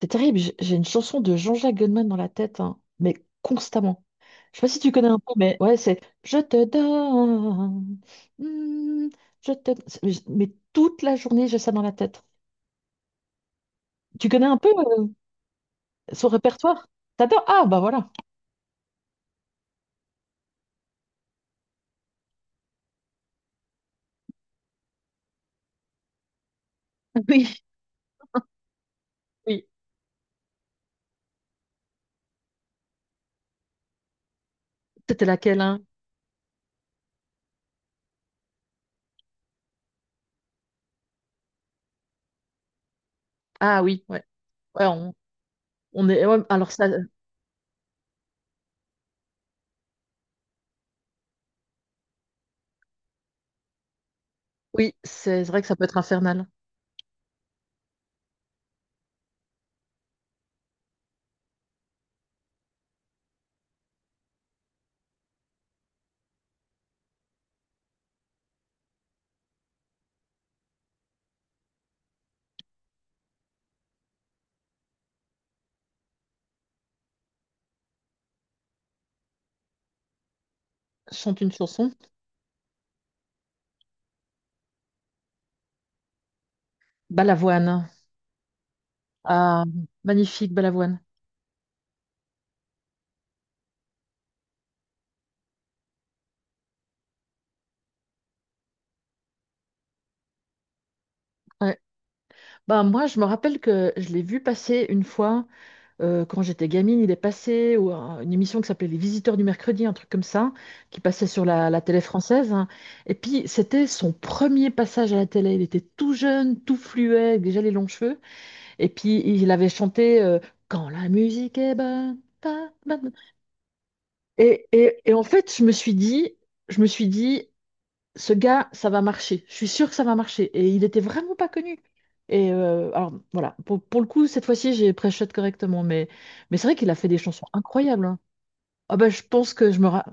C'est terrible, j'ai une chanson de Jean-Jacques Goldman dans la tête, hein, mais constamment. Je sais pas si tu connais un peu, mais ouais, c'est Je te donne, mm, Mais toute la journée, j'ai ça dans la tête. Tu connais un peu euh, son répertoire? T'adores? Ah, bah voilà. Oui, oui. C'était laquelle, hein? Ah oui, ouais. Ouais, on est... ouais, alors ça, oui, c'est vrai que ça peut être infernal. Chante une chanson. Balavoine. Ah, magnifique, Balavoine. Bah, moi, je me rappelle que je l'ai vu passer une fois quand j'étais gamine. Il est passé ou une émission qui s'appelait Les Visiteurs du mercredi, un truc comme ça, qui passait sur la télé française, hein. Et puis, c'était son premier passage à la télé. Il était tout jeune, tout fluet, avec déjà les longs cheveux. Et puis, il avait chanté Quand la musique est bonne. Bonne. Et en fait, je me suis dit, ce gars, ça va marcher. Je suis sûre que ça va marcher. Et il était vraiment pas connu. Et alors voilà, pour le coup, cette fois-ci, j'ai pré-shot correctement. Mais c'est vrai qu'il a fait des chansons incroyables, hein. Ah bah, je pense que je me... ra-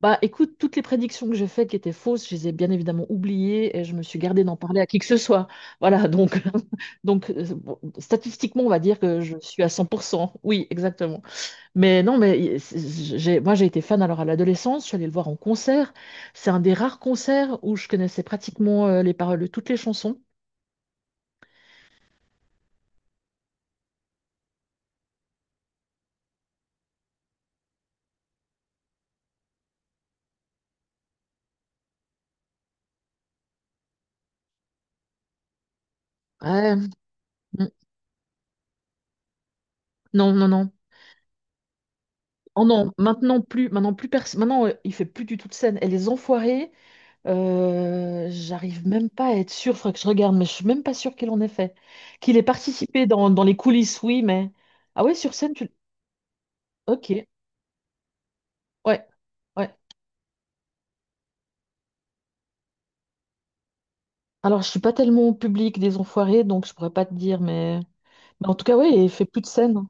Bah écoute, toutes les prédictions que j'ai faites qui étaient fausses, je les ai bien évidemment oubliées et je me suis gardée d'en parler à qui que ce soit. Voilà, donc, donc bon, statistiquement, on va dire que je suis à cent pour cent. Oui, exactement. Mais non, mais il- c'est- j'ai, Moi j'ai été fan alors à l'adolescence, je suis allée le voir en concert. C'est un des rares concerts où je connaissais pratiquement les paroles de toutes les chansons. Ouais. Mm. Non, non, non. Oh non, maintenant plus personne. Maintenant, il fait plus du tout de scène. Et les enfoirés, j'arrive même pas à être sûre, faudrait que je regarde, mais je suis même pas sûre qu'il en ait fait. Qu'il ait participé dans les coulisses, oui, mais. Ah ouais, sur scène, tu. Ok. Ouais. Ouais. Alors, je suis pas tellement au public des enfoirés, donc je pourrais pas te dire, mais. Mais en tout cas, oui, il fait plus de scènes.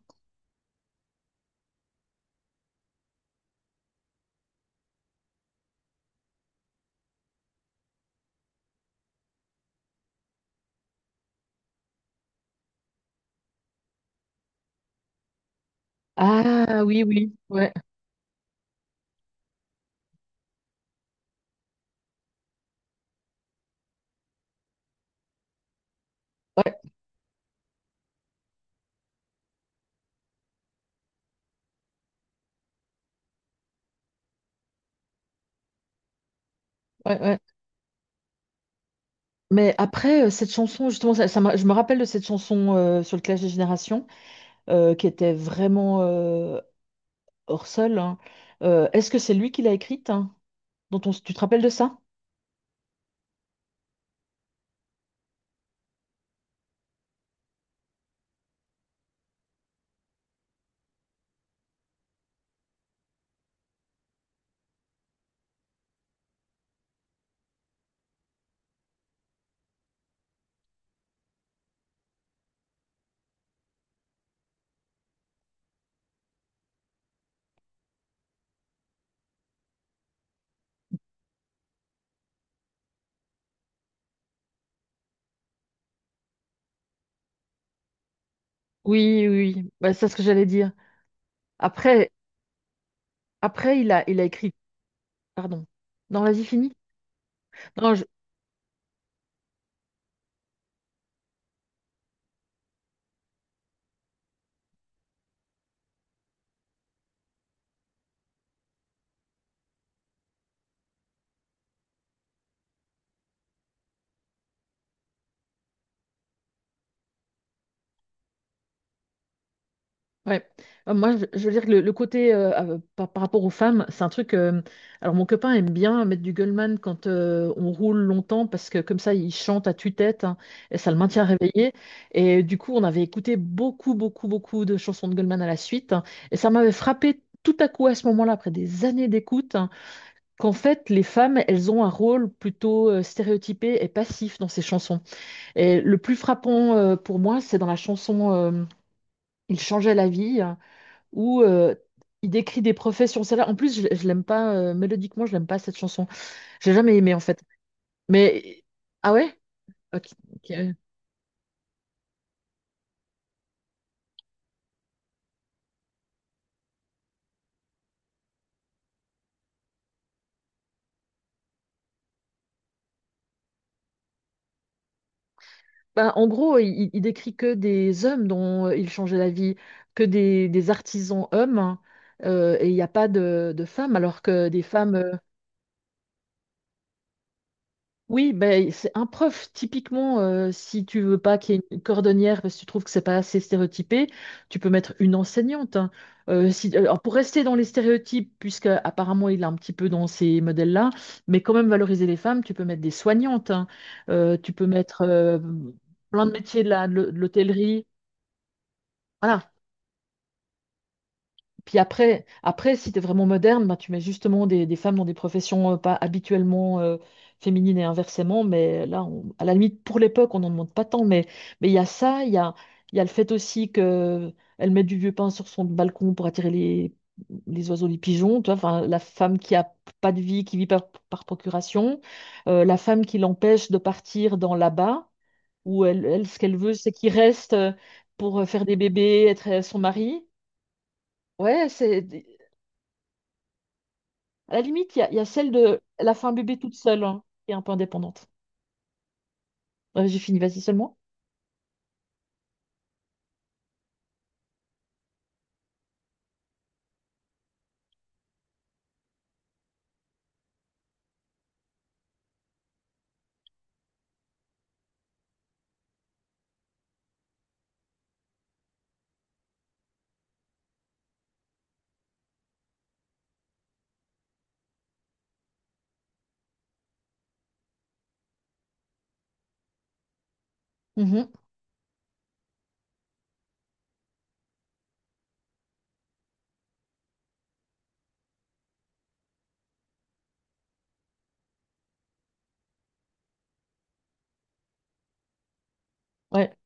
Ah oui, oui, ouais, ouais, ouais, ouais. Mais après, cette chanson, justement, je me rappelle de cette chanson sur le Clash des Générations, qui était vraiment hors sol, hein. Est-ce que c'est lui qui l'a écrite, hein, dont on s- tu te rappelles de ça? Oui, oui, oui. Bah, c'est ce que j'allais dire. Après, après, il a écrit. Pardon. Non, vas-y, fini. Non, ouais. Moi, je veux dire que le côté par, rapport aux femmes, c'est un truc, alors, mon copain aime bien mettre du Goldman quand on roule longtemps parce que comme ça, il chante à tue-tête, hein, et ça le maintient réveillé. Et du coup, on avait écouté beaucoup, beaucoup, beaucoup de chansons de Goldman à la suite, hein, et ça m'avait frappé tout à coup à ce moment-là, après des années d'écoute, hein, qu'en fait, les femmes, elles ont un rôle plutôt stéréotypé et passif dans ces chansons. Et le plus frappant pour moi, c'est dans la chanson Il changeait la vie, hein, où il décrit des professions. Celle-là, en plus, je l'aime pas, mélodiquement, je l'aime pas cette chanson. J'ai jamais aimé en fait. Mais ah ouais? Ok. Ok. Ben, en gros, il décrit que des hommes dont il changeait la vie, que des artisans hommes, hein, et il n'y a pas de femmes, alors que des femmes, euh. Oui, ben, c'est un prof, typiquement, si tu veux pas qu'il y ait une cordonnière parce que tu trouves que c'est pas assez stéréotypé, tu peux mettre une enseignante, hein. Si, alors, pour rester dans les stéréotypes, puisque apparemment il est un petit peu dans ces modèles-là, mais quand même valoriser les femmes, tu peux mettre des soignantes, hein. Tu peux mettre plein de métiers de l'hôtellerie. Voilà. Puis après, après si tu es vraiment moderne, bah, tu mets justement des femmes dans des professions pas habituellement féminines et inversement. Mais là, on- à la limite, pour l'époque, on n'en demande pas tant. Mais il y a ça, il y a le fait aussi que elle met du vieux pain sur son balcon pour attirer les oiseaux, les pigeons. Tu vois, enfin, la femme qui a pas de vie, qui vit par procuration. La femme qui l'empêche de partir dans là-bas, où elle, ce qu'elle veut, c'est qu'il reste pour faire des bébés, être son mari. Ouais, c'est. À la limite, il y a celle de la fin bébé toute seule, hein, qui est un peu indépendante. Ouais, j'ai fini, vas-y seulement. Mhm. Ouais,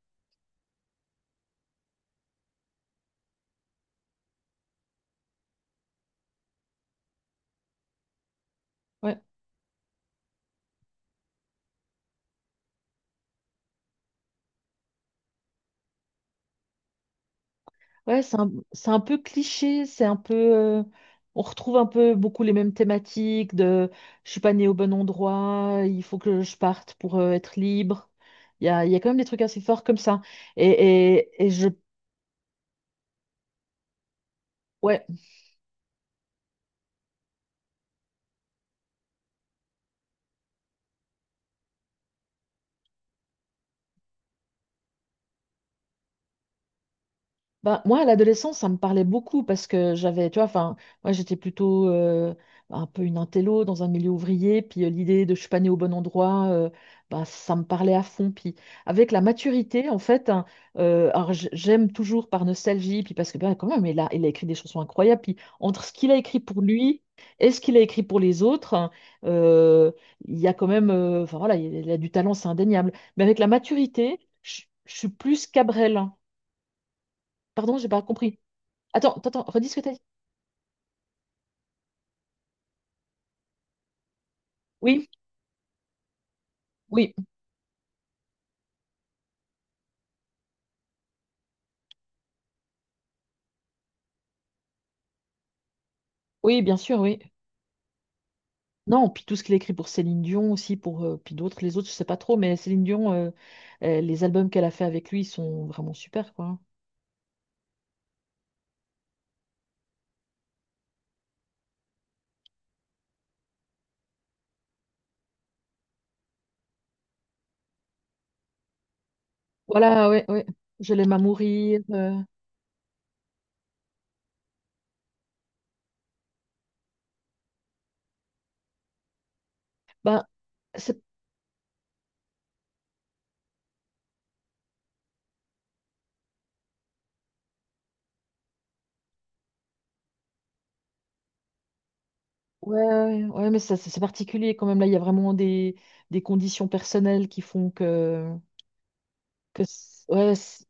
ouais, ouais, c'est un peu cliché, c'est un peu, on retrouve un peu beaucoup les mêmes thématiques de je suis pas née au bon endroit, il faut que je parte pour être libre. Il y a quand même des trucs assez forts comme ça. Et, et, et je. ouais, Bah, moi, à l'adolescence, ça me parlait beaucoup parce que j'avais, tu vois, enfin, moi, j'étais plutôt un peu une intello dans un milieu ouvrier, puis l'idée de je suis pas née au bon endroit, bah, ça me parlait à fond. Puis avec la maturité, en fait, hein, alors j'aime toujours par nostalgie, puis parce que bah, quand même, il a écrit des chansons incroyables, puis entre ce qu'il a écrit pour lui et ce qu'il a écrit pour les autres, hein, euh, il y a quand même, enfin voilà, il y a du talent, c'est indéniable. Mais avec la maturité, je suis plus Cabrel, hein. Pardon, j'ai pas compris. Attends, attends, redis ce que t'as dit. Oui, oui, oui, bien sûr, oui. Non, puis tout ce qu'il a écrit pour Céline Dion aussi, pour puis d'autres, les autres, je sais pas trop, mais Céline Dion, les albums qu'elle a fait avec lui ils sont vraiment super, quoi. Voilà, ouais, ouais. Je l'aime à mourir, ben, c'est ouais, ouais, ouais, mais ça, c'est particulier quand même. Là, il y a vraiment des conditions personnelles qui font que, ouais, c-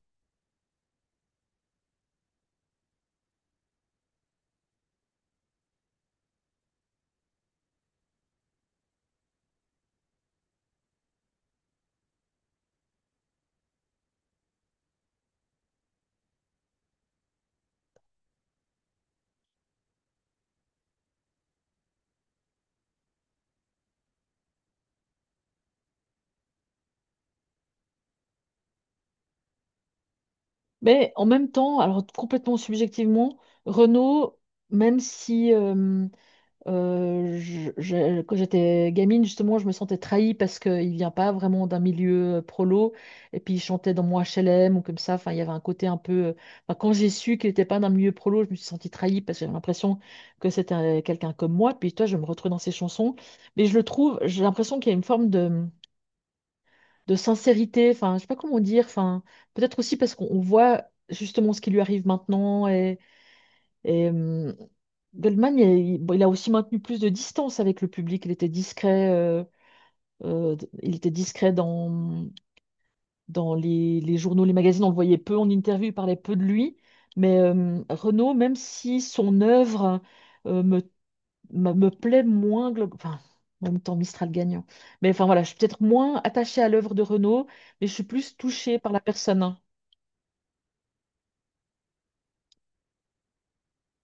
mais en même temps, alors complètement subjectivement, Renaud, même si quand j'étais gamine, justement, je me sentais trahie parce qu'il vient pas vraiment d'un milieu prolo. Et puis, il chantait dans mon HLM ou comme ça. Enfin, il y avait un côté un peu, enfin, quand j'ai su qu'il n'était pas d'un milieu prolo, je me suis sentie trahie parce que j'avais l'impression que c'était quelqu'un comme moi. Puis, toi, je me retrouve dans ses chansons. Mais je le trouve, j'ai l'impression qu'il y a une forme de sincérité. Enfin, je sais pas comment dire. Enfin, peut-être aussi parce qu'on on voit justement ce qui lui arrive maintenant. Et, hum, Goldman, il, bon, il a aussi maintenu plus de distance avec le public. Il était discret, il était discret dans, dans les journaux, les magazines. On le voyait peu en interview, il parlait peu de lui. Mais Renaud, même si son œuvre euh, me, me plaît moins, enfin, en même temps Mistral gagnant. Mais enfin voilà, je suis peut-être moins attachée à l'œuvre de Renaud, mais je suis plus touchée par la personne.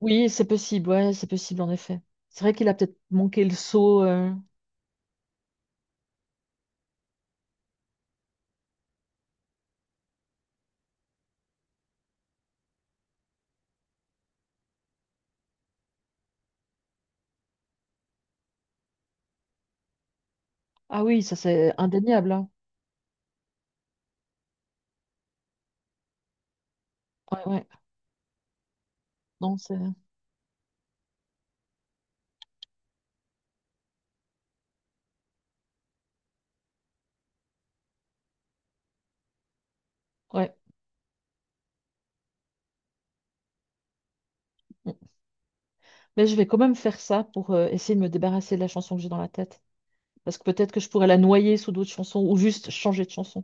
Oui, c'est possible, ouais, c'est possible en effet. C'est vrai qu'il a peut-être manqué le saut, euh. Ah oui, ça c'est indéniable, hein. Ouais, ouais, non, c'est... Ouais. Mm. Mais je vais quand même faire ça pour essayer de me débarrasser de la chanson que j'ai dans la tête. Parce que peut-être que je pourrais la noyer sous d'autres chansons ou juste changer de chanson.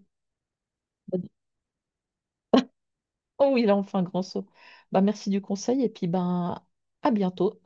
Oh oui, là, on fait un grand saut. Bah, merci du conseil et puis ben, à bientôt.